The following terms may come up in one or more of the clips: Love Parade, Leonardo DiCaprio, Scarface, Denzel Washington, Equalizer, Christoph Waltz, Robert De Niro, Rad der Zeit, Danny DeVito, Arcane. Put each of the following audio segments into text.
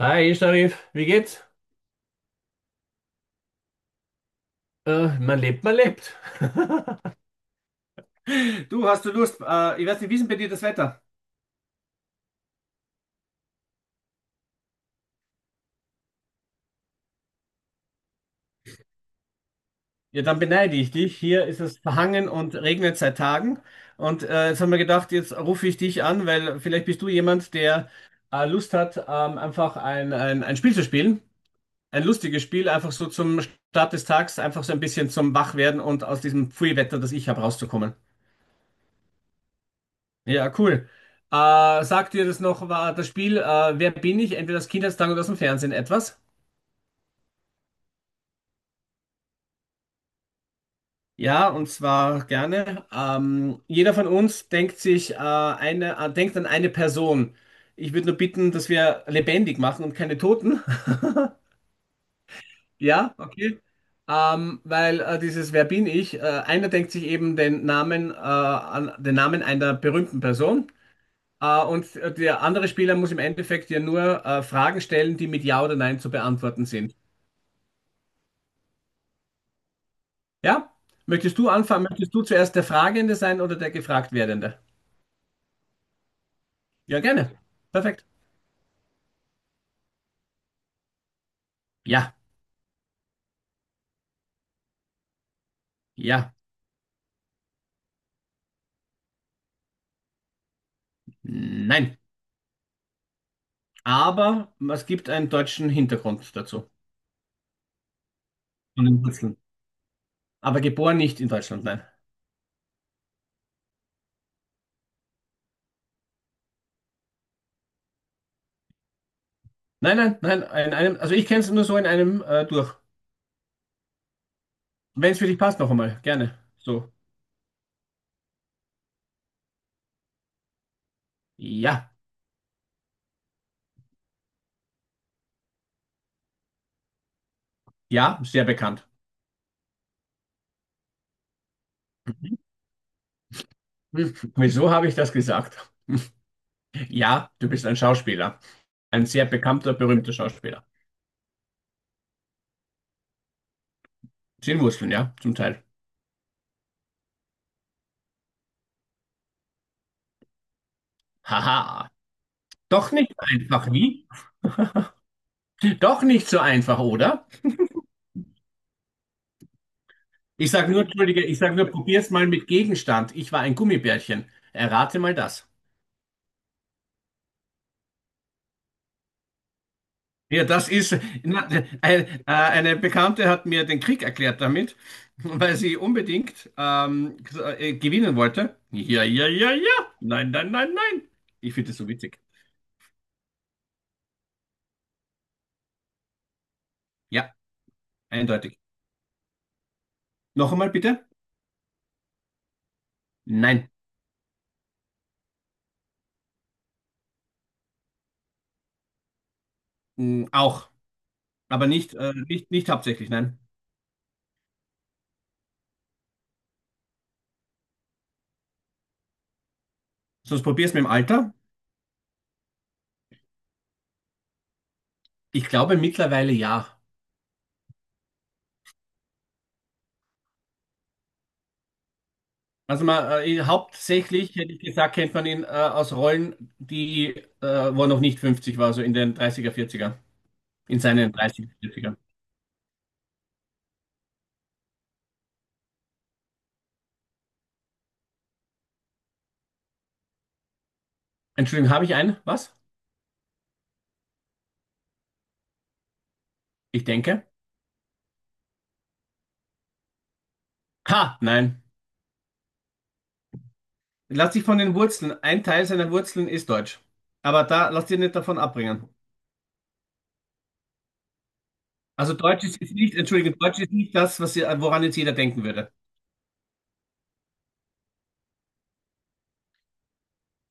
Hi, Sharif, wie geht's? Man lebt, man lebt. Du, hast du Lust? Ich weiß nicht, wie ist denn bei dir das Wetter? Ja, dann beneide ich dich. Hier ist es verhangen und regnet seit Tagen. Und jetzt haben wir gedacht, jetzt rufe ich dich an, weil vielleicht bist du jemand, der Lust hat, einfach ein Spiel zu spielen. Ein lustiges Spiel, einfach so zum Start des Tags, einfach so ein bisschen zum Wachwerden und aus diesem Pfui-Wetter, das ich habe, rauszukommen. Ja, cool. Äh, Sagt dir das noch, war das Spiel Wer bin ich? Entweder aus Kindheitstagen oder aus dem Fernsehen etwas? Ja, und zwar gerne. Jeder von uns denkt sich denkt an eine Person. Ich würde nur bitten, dass wir lebendig machen und keine Toten. Ja, okay. Weil dieses Wer bin ich? Einer denkt sich eben den Namen, den Namen einer berühmten Person. Und der andere Spieler muss im Endeffekt ja nur Fragen stellen, die mit Ja oder Nein zu beantworten sind. Ja? Möchtest du anfangen? Möchtest du zuerst der Fragende sein oder der gefragt werdende? Ja, gerne. Perfekt. Ja, ja, nein. Aber es gibt einen deutschen Hintergrund dazu. Von den Wurzeln. Aber geboren nicht in Deutschland, nein. Nein, nein, nein. In einem, also ich kenne es nur so in einem durch. Wenn es für dich passt, noch einmal. Gerne. So. Ja, ja, sehr bekannt. Hm, Wieso habe ich das gesagt? Ja, du bist ein Schauspieler. Ein sehr bekannter, berühmter Schauspieler. Zehn Wurzeln, ja, zum Teil. Haha. Doch nicht einfach, wie? Doch nicht so einfach, oder? Ich sage nur, entschuldige, ich sage nur, probier's mal mit Gegenstand. Ich war ein Gummibärchen. Errate mal das. Ja, das ist, na, ein, eine Bekannte hat mir den Krieg erklärt damit, weil sie unbedingt gewinnen wollte. Ja, ja, ja, ja. Nein, nein, nein, nein. Ich finde das so witzig. Ja, eindeutig. Noch einmal bitte? Nein. Mm, auch. Aber nicht, nicht hauptsächlich, nein. Sonst probier's mit dem Alter. Ich glaube mittlerweile ja. Also hauptsächlich, hätte ich gesagt, kennt man ihn aus Rollen, wo er noch nicht 50 war, so in den 30er, 40er. In seinen 30er, 40er. Entschuldigung, habe ich einen? Was? Ich denke. Ha, nein. Lass dich von den Wurzeln. Ein Teil seiner Wurzeln ist Deutsch. Aber da lass dich nicht davon abbringen. Also Deutsch ist jetzt nicht, Entschuldigung, Deutsch ist nicht das, was, ihr- woran jetzt jeder denken würde.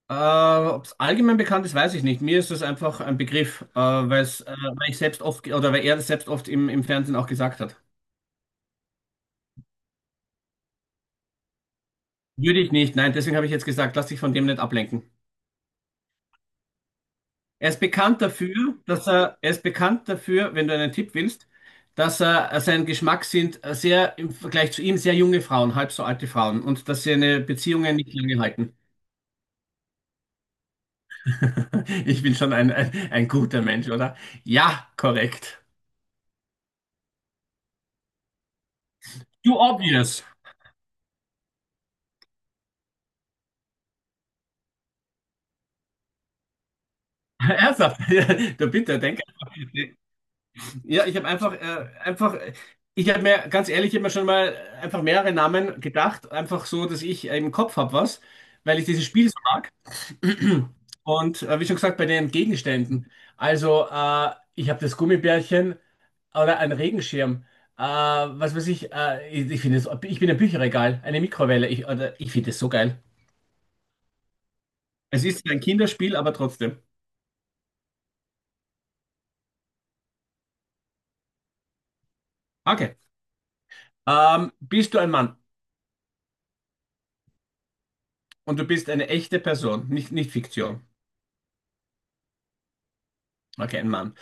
Ob es allgemein bekannt ist, weiß ich nicht. Mir ist es einfach ein Begriff, weil ich selbst oft, ge- oder weil er das selbst oft im Fernsehen auch gesagt hat. Würde ich nicht. Nein, deswegen habe ich jetzt gesagt, lass dich von dem nicht ablenken. Er ist bekannt dafür, dass er ist bekannt dafür, wenn du einen Tipp willst, dass er sein Geschmack sind sehr im Vergleich zu ihm sehr junge Frauen, halb so alte Frauen und dass seine Beziehungen nicht lange halten. Ich bin schon ein guter Mensch, oder? Ja, korrekt. Too obvious. Ernsthaft. Du bitte, denk, einfach. Ja, ich habe einfach, ich habe mir ganz ehrlich immer schon mal einfach mehrere Namen gedacht, einfach so, dass ich im Kopf habe was, weil ich dieses Spiel so mag. Und wie schon gesagt, bei den Gegenständen. Ich habe das Gummibärchen oder einen Regenschirm. Was weiß ich, ich, ich finde es, ich bin ein Bücherregal, eine Mikrowelle. Ich, oder, ich finde es so geil. Es ist ein Kinderspiel, aber trotzdem. Okay. Bist du ein Mann und du bist eine echte Person, nicht, nicht Fiktion. Okay, ein Mann.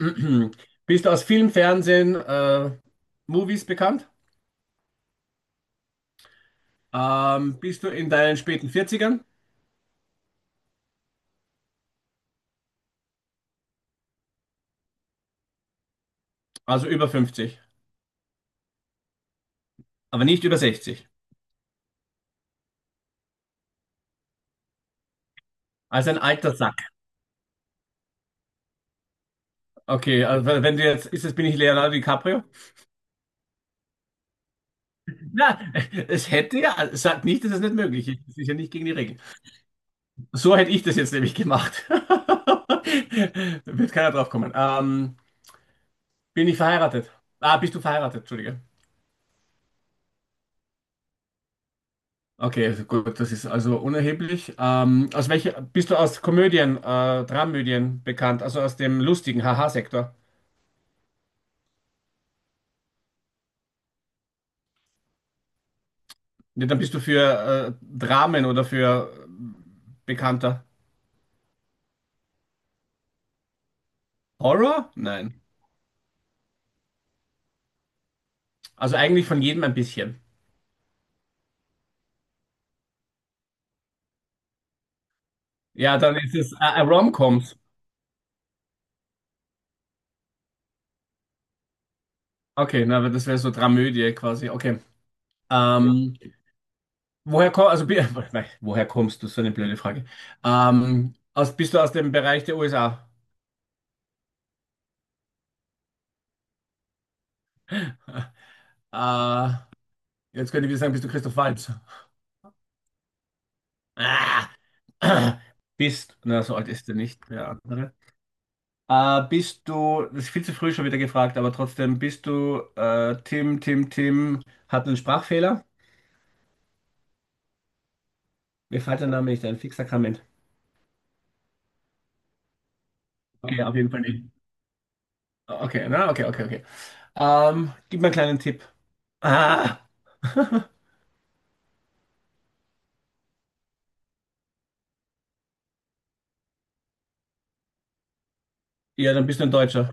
Bist du aus Film, Fernsehen, Movies bekannt? Bist du in deinen späten Vierzigern, also über fünfzig, aber nicht über 60? Also ein alter Sack. Okay, also wenn du jetzt, ist das, bin ich Leonardo DiCaprio? Na, es hätte ja, sagt nicht, dass es nicht möglich ist. Das ist ja nicht gegen die Regeln. So hätte ich das jetzt nämlich gemacht. Wird keiner drauf kommen. Bin ich verheiratet? Ah, bist du verheiratet? Entschuldige. Okay, also gut, das ist also unerheblich. Bist du aus Komödien, Dramödien bekannt, also aus dem lustigen Haha-Sektor? Ja, dann bist du für Dramen oder für bekannter Horror? Nein. Also eigentlich von jedem ein bisschen. Ja, dann ist es Rom-Coms. Okay, na, aber das wäre so Dramödie quasi. Okay. Ähm, woher kommst, also, bi- Nein, woher kommst du? So eine blöde Frage. Bist du aus dem Bereich der USA? Äh, Jetzt könnte ich wieder sagen, bist du Christoph Waltz? Ah, bist, na, so alt ist er nicht, der andere. Bist du, das ist viel zu früh schon wieder gefragt, aber trotzdem, bist du Tim, hat einen Sprachfehler? Mir fällt der Name nicht ein, Fixakrament. Okay, auf jeden Fall nicht. Okay, na, okay, okay, okay. Gib mir einen kleinen Tipp. Ah, ja, dann bist du ein Deutscher.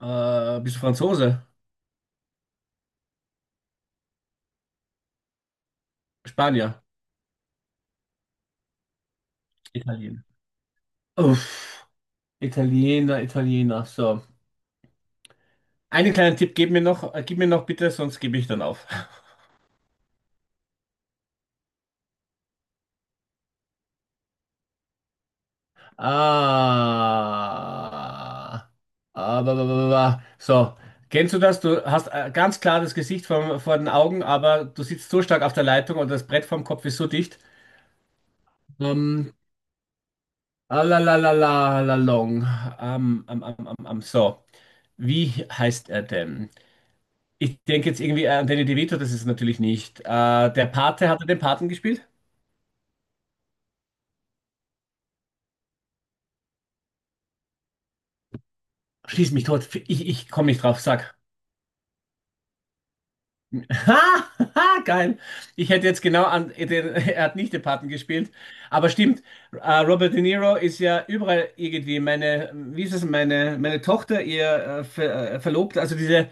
Bist du Franzose? Spanier? Italiener. Uff, Italiener, Italiener, so. Einen kleinen Tipp gib mir noch bitte, sonst gebe ich dann auf. Ah. Ah, ba, ba, ba, ba. So, kennst du das? Du hast ganz klar das Gesicht vor den Augen, aber du sitzt so stark auf der Leitung und das Brett vorm Kopf ist so dicht. Ähm, alalalalalalalong. So, wie heißt er denn? Ich denke jetzt irgendwie an Danny DeVito, das ist es natürlich nicht. Der Pate, hat er den Paten gespielt? Schieß mich tot, ich komme nicht drauf, sag. Ha, ha, geil. Ich hätte jetzt genau an, den, er hat nicht den Paten gespielt, aber stimmt, Robert De Niro ist ja überall irgendwie meine, wie ist es, meine, meine Tochter, ihr Verlobter, also diese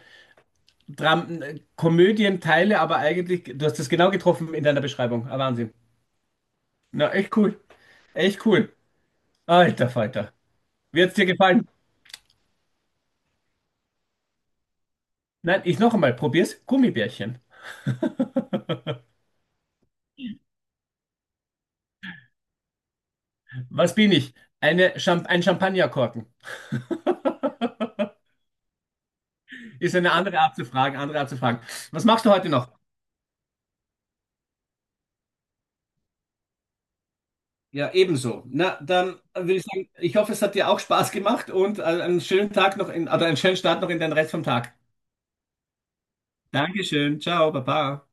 Dram Komödienteile, aber eigentlich, du hast das genau getroffen in deiner Beschreibung. Ah, Wahnsinn. Na, echt cool. Echt cool. Alter Falter. Wird's dir gefallen? Nein, ich noch einmal, probier's. Gummibärchen. Was bin ich? Ein Champagnerkorken. Ist eine andere Art zu fragen, andere Art zu fragen. Was machst du heute noch? Ja, ebenso. Na, dann würde ich sagen, ich hoffe, es hat dir auch Spaß gemacht und einen schönen Tag noch in, oder einen schönen Start noch in den Rest vom Tag. Dankeschön, ciao, baba.